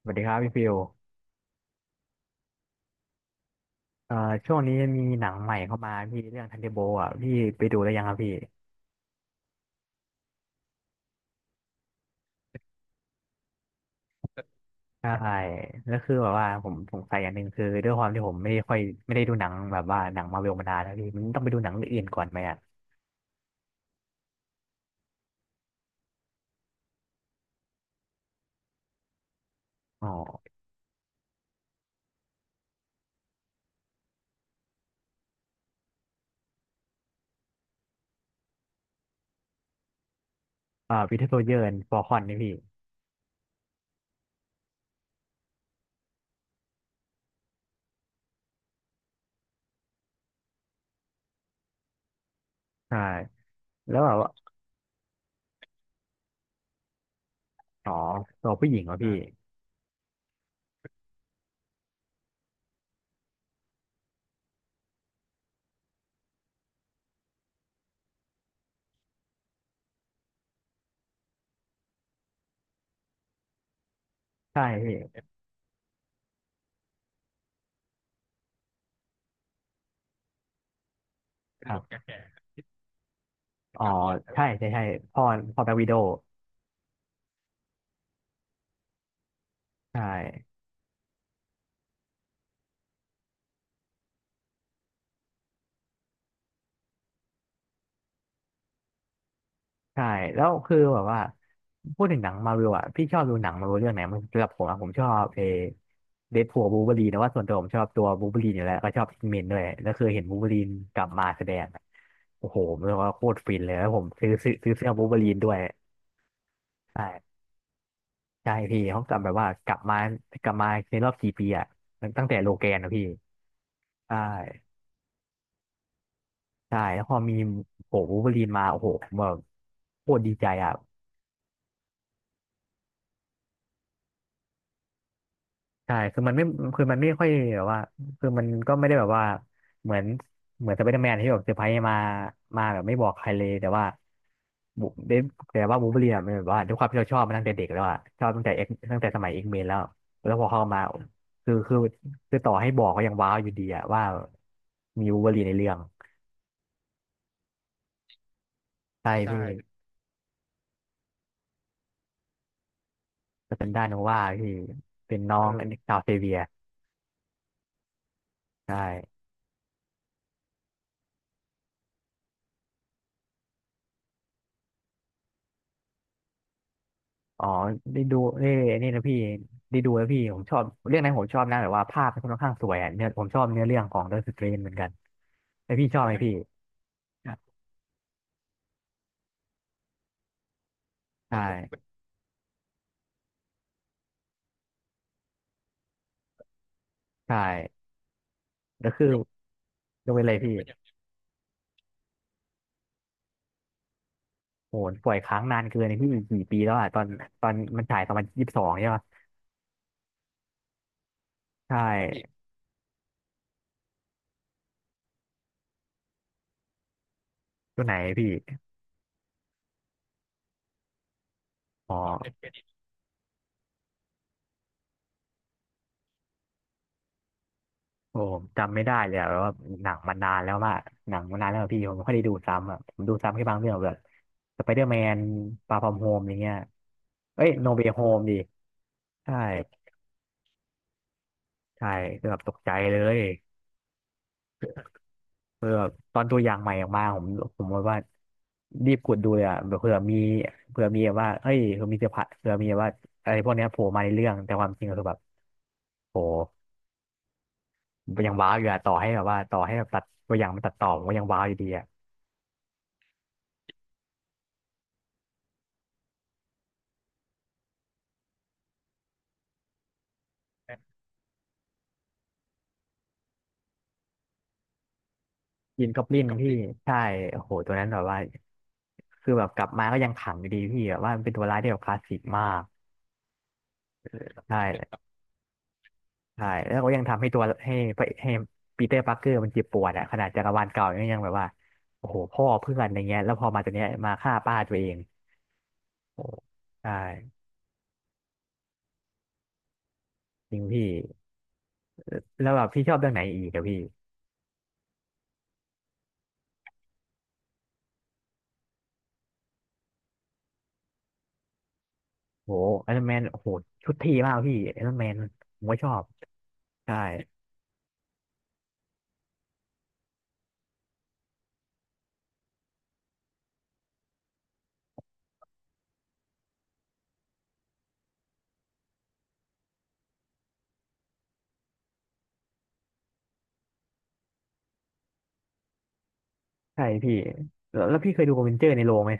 สวัสดีครับพี่ฟิวเอ่อช่วงนี้มีหนังใหม่เข้ามาพี่เรื่องทันเดอร์โบอ่ะพี่ไปดูแล้วยังครับพี่ใช่แล้วคือแบบว่าผมสงสัยอย่างหนึ่งคือด้วยความที่ผมไม่ได้ค่อยไม่ได้ดูหนังแบบว่าหนังมาร์เวลมานานแล้วพี่มันต้องไปดูหนังเรื่องอื่นก่อนไหมอ่ะอ๋อวินเทอร์โซลเยอร์ฟอร์คอนนี่พี่ใช่แล้วแบบว่าอ๋อตัวผู้หญิงเหรอพี่ใช่พี่ครับอ๋อใช่ใช่ใช่พ่อพ่อแบ็ควิโดใช่ ใช่แล้วคือแบบว่าพูดถึงหนังมาวิวอ่ะพี่ชอบดูหนังมาวิวเรื่องไหนมันสำหรับผมอ่ะผมชอบเอเดดพูลบูเบอรีนนะว่าส่วนตัวผมชอบตัวบูเบอรีนอยู่แล้วก็ชอบเมนด้วยแล้วคือเห็นบูเบอรีนกลับมาแสดงอะโอ้โหเรียกว่าโคตรฟินเลยแล้วผมซื้อเสื้อบูเบอรีนด้วยใช่ใช่พี่เขากลับแบบว่ากลับมาในรอบกี่ปีอ่ะตั้งแต่โลแกนนะพี่ใช่ใช่แล้วพอมีโอ้โหบูล์ฟเบอรีนมาโอ้โหผมแบบโคตรดีใจอ่ะ ใช่คือมันไม่ค่อยแบบว่าคือมันก็ไม่ได้แบบว่า เหมือนเหมือนสไปเดอร์แมนที่แบบเซอร์ไพรส์มามาแบบไม่บอกใครเลย แต่ว่าบุเดฟแต่ว่าบูล์ฟเบอรีนอะมันแบบว่าด้วยความที่เราชอบมาตั้งแต่เด็กแล้วอะชอบตั้งแต่เอ็กตั้งแต่สมัยเอ็กเมนแล้ว แล้วพอเข้ามา คือคือคือต่อให้บอกก็ยังว้าวอยู่ดีอะว่ามีบูล์ฟเบอรีนในเรื่องใช่พี่จะเป็นด้านโนวาพี่เป็นน้องออันนี้ชาวเซเวียใช่ อ๋อได้ดูเอ้ยนี่นะพี่ได้ดูแล้วพี่ผมชอบเรื่องนั้นผมชอบนะแบบว่าภาพมันค่อนข้างสวยอ่ะเนื้อผมชอบเนื้อเรื่องของ The Strain เหมือนกันแต่พี่ชอบไหมพี่ใช่ใช่แล้วคือดูเปเลยพี่โหปล่อยค้างนานเกินไอ้พี่กี่ปีแล้วอ่ะตอนมันฉายตอนมันยี่สิบสองใช่ปะใช่ตัวไหนพี่อ๋อ โอ้จำไม่ได้เลยอะแบบว่าหนังมันนานแล้วว่าหนังมันนานแล้วอะพี่ผมไม่ค่อยได้ดูซ้ำอ่ะผมดูซ้ำแค่บางเรื่องแบบสไปเดอร์แมนฟาร์ฟอมโฮมอย่างเงี้ยเอ้ยโนเวย์โฮมดิใช่ใช่คือแบบตกใจเลยเออแบบตอนตัวอย่างใหม่ออกมาผมว่ารีบกดดูเลยอ่ะแบบเผื่อมีแบบว่าเอ้ยเผื่อมีเซอร์ไพรส์เผื่อมีแบบว่าอะไรพวกเนี้ยโผล่มาในเรื่องแต่ความจริงก็คือแบบโหยังว้าวอยู่อะต่อให้แบบว่าต่อให้แบบตัดตัวอย่างมันตัดต่อผมก็ยังว้าวอยู่ดีอะ ยินก็ปลินกบพี่ลินใช่โอ้โหตัวนั้นแบบว่าคือแบบกลับมาก็ยังขังอยู่ดีพี่แบบว่ามันเป็นตัวร้ายที่แบบคลาสสิกมากใช่ใช่แล้วก็ยังทำให้ตัวให้พระให้ปีเตอร์ปาร์เกอร์มันเจ็บปวดอะขนาดจักรวาลเก่าเนี่ยยังแบบว่าโอ้โหพ่อเพื่อนอะไรเงี้ยแล้วพอมาตัวเนี้ยมาฆ่าป้าตัวเองโอ้โหใช่จริงพี่แล้วแบบพี่ชอบเรื่องไหนอีกอะพี่โอ้ไอรอนแมนโอ้โหชุดทีมากพี่ไอรอนแมนผมก็ชอบใช่ใช่พี่แล้วพี่เคยดูอเวนเจอร์ในโรงไหม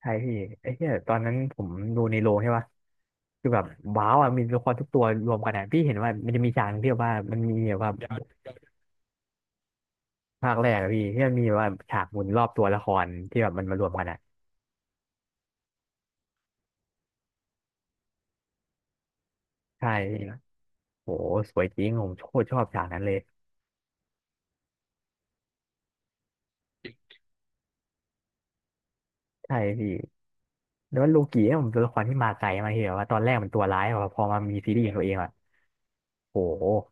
ใช่พี่ไอ้เหี้ยตอนนั้นผมดูในโรงใช่ป่ะคือแบบว้าวอ่ะมีตัวละครทุกตัวรวมกันอ่ะพี่เห็นว่ามันจะมีฉากหนึ่งที่แบบว่ามันมีแบบว่าภาคแรกอะพี่ที่มันมีแบบว่าฉากหมุนรอบตัวละครที่แบบมันมารวมกันอ่ะใช่พี่โหสวยจริงผมโคตรชอบฉากนั้นเลยใช่พี่แล้วว่าโลกิเนี่ยผมตัวละครที่มาไกลมากที่แบบว่าตอนแรกมันตัวร้ายอะพอมามีซีรีส์ของตัวเองอ่ะโห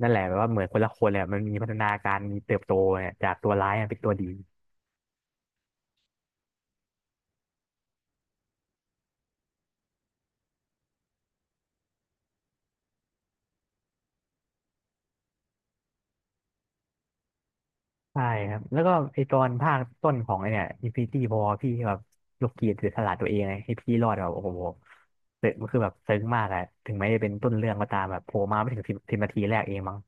นั่นแหละแบบว่าเหมือนคนละคนเลยอะมันมีพัฒนาการมีเติบโตเนี่ยจากตัวร้ายอะเป็นตัวดี ใช่ครับแล้วก็ไอตอนภาคต้นของไอเนี่ย Infinity War พี่แบบยกเกียรติเสียสละตัวเองไงให้พี่รอดแบบโอ้โหเตะมันคือแบบซึ้งมากอะถึงแม้จะเป็นต้นเรื่องก็ตามแบบโผล่มาไม่ถึงสิบนาทีแรกเองมั้ง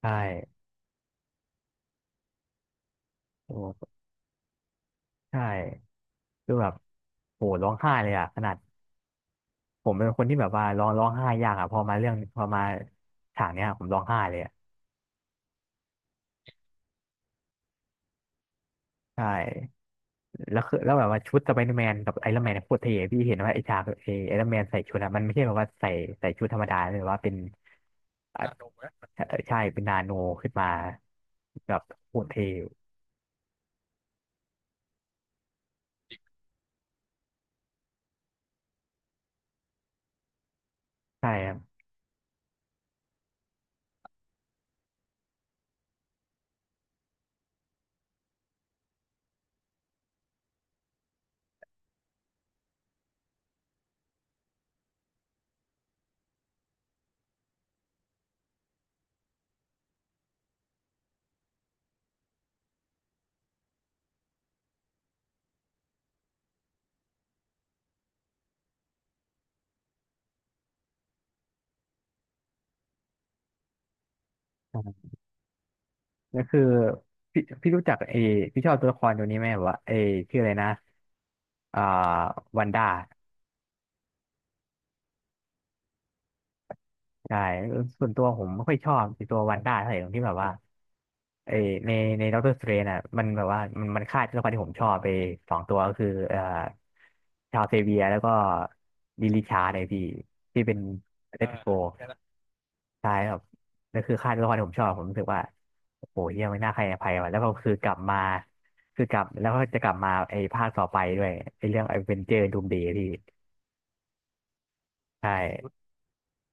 ใช่โอ้ใช่คือแบบโหร้องไห้เลยอะขนาดผมเป็นคนที่แบบว่าร้องไห้ยากอะพอมาฉากเนี้ยผมร้องไห้เลยอะใช่แล้วแบบว่าชุดสไปเดอร์แมนกับไอรอนแมนโคตรเท่พี่เห็นว่าไอฉากไอรอนแมนใส่ชุดอะมันไม่ใช่แบบว่าใส่ชุดธรรมดาเลยว่าเป็น อาจะใช่เป็นนาโนขึ้นมาแบบโหดเทวใช่ครับก็คือพี่รู้จักเอพี่ชอบตัวละครตัวนี้ไหมแบบว่าเอชื่ออะไรนะอ่าวันด้าใช่ส่วนตัวผมไม่ค่อยชอบไอ้ตัววันด้าเท่าไหร่ตรงที่แบบว่าเอในในด็อกเตอร์สเตรนอ่ะมันแบบว่ามันฆ่าตัวละครที่ผมชอบไปสองตัวก็คือชาวเซเวียแล้วก็ลิชาร์ดไอพี่ที่เป็นเลตโก ใช่ครับนั่นคือค่ายตัวละครที่ผมชอบผมรู้สึกว่าโอ้โหเฮียไม่น่าใครอภัยว่ะแล้วก็คือกลับมาคือกลับแล้วก็จะกลับมาไอ้ภาคต่อไปด้วยไอ้เรื่องไอ้เวนเจอร์ดูมเดย์พี่ใช่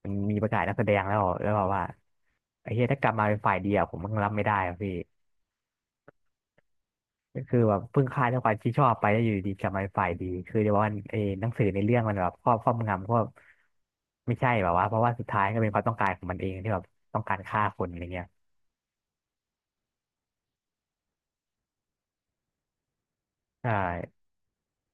มันมีประกาศนักแสดงแล้วแล้วบอกว่าไอ้เฮียถ้ากลับมาเป็นฝ่ายดีอะผมมันรับไม่ได้อะพี่ก็คือแบบเพิ่งค่ายตัวละครที่ชอบไปแล้วอยู่ดีๆกลับมาเป็นฝ่ายดีคือเดี๋ยวว่าไอ้หนังสือในเรื่องมันแบบครอบงำกบไม่ใช่แบบว่าเพราะว่าสุดท้ายก็เป็นความต้องการของมันเองที่แบบต้องการฆ่าคนอะไรเงี้ยใช่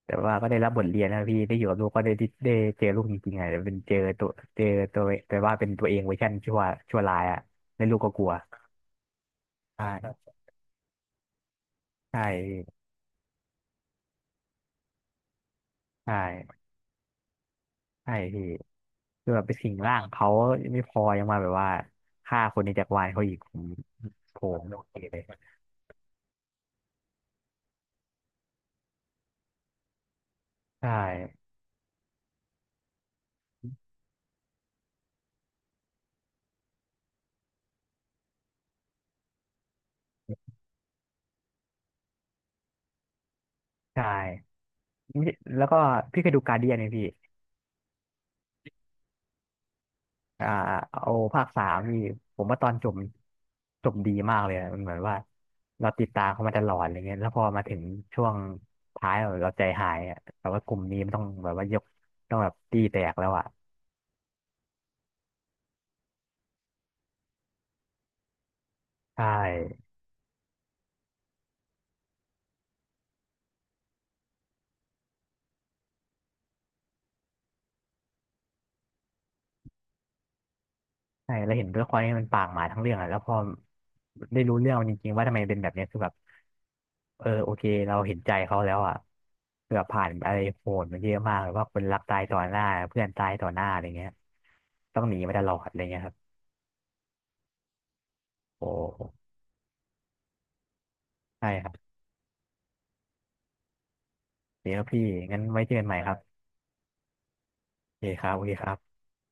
แต่ว่าก็ได้รับบทเรียนนะพี่ได้อยู่กับลูกก็ได้เจอลูกจริงๆอ่ะแต่เป็นเจอตัวแต่ว่าเป็นตัวเองเวอร์ชันชั่วร้ายอ่ะแล้วลูกก็กลัวใช่ใช่พี่ใช่ใช่พี่คือแบบไปสิงร่างเขาไม่พอยังมาแบบว่าฆ่าคนในจักรวาลเขาอีกผมไม่โอเคเลยใช่ใช่ไม่แล้วก็พี่เคยดูการ์เดียนไหมพี่ อ่าเอาภาคสามนี่ผมว่าตอนจบจบดีมากเลยอะมันเหมือนว่าเราติดตามเขามาตลอดอะไรเงี้ยแล้วพอมาถึงช่วงท้ายเราใจหายอะแต่ว่ากลุ่มนี้มันต้องแบบว่าต้องแบบตีแตกแล้วอ่ะใช่ใช่แล้วเห็นด้วยความที่มันปากหมาทั้งเรื่องอ่ะแล้วพอได้รู้เรื่องมันจริงๆว่าทำไมเป็นแบบเนี้ยคือแบบเออโอเคเราเห็นใจเขาแล้วอ่ะเกือบผ่านอะไรโหดมาเยอะมากแบบว่าคนรักตายต่อหน้าเพื่อนตายต่อหน้าอะไรเงี้ยต้องหนีมาตลอดอะไรเงี้ยครับโอ้ ใช่ครับโอเดี๋ยวพี่งั้นไว้เจอกันใหม่ครับโอเคครับโอเคครับ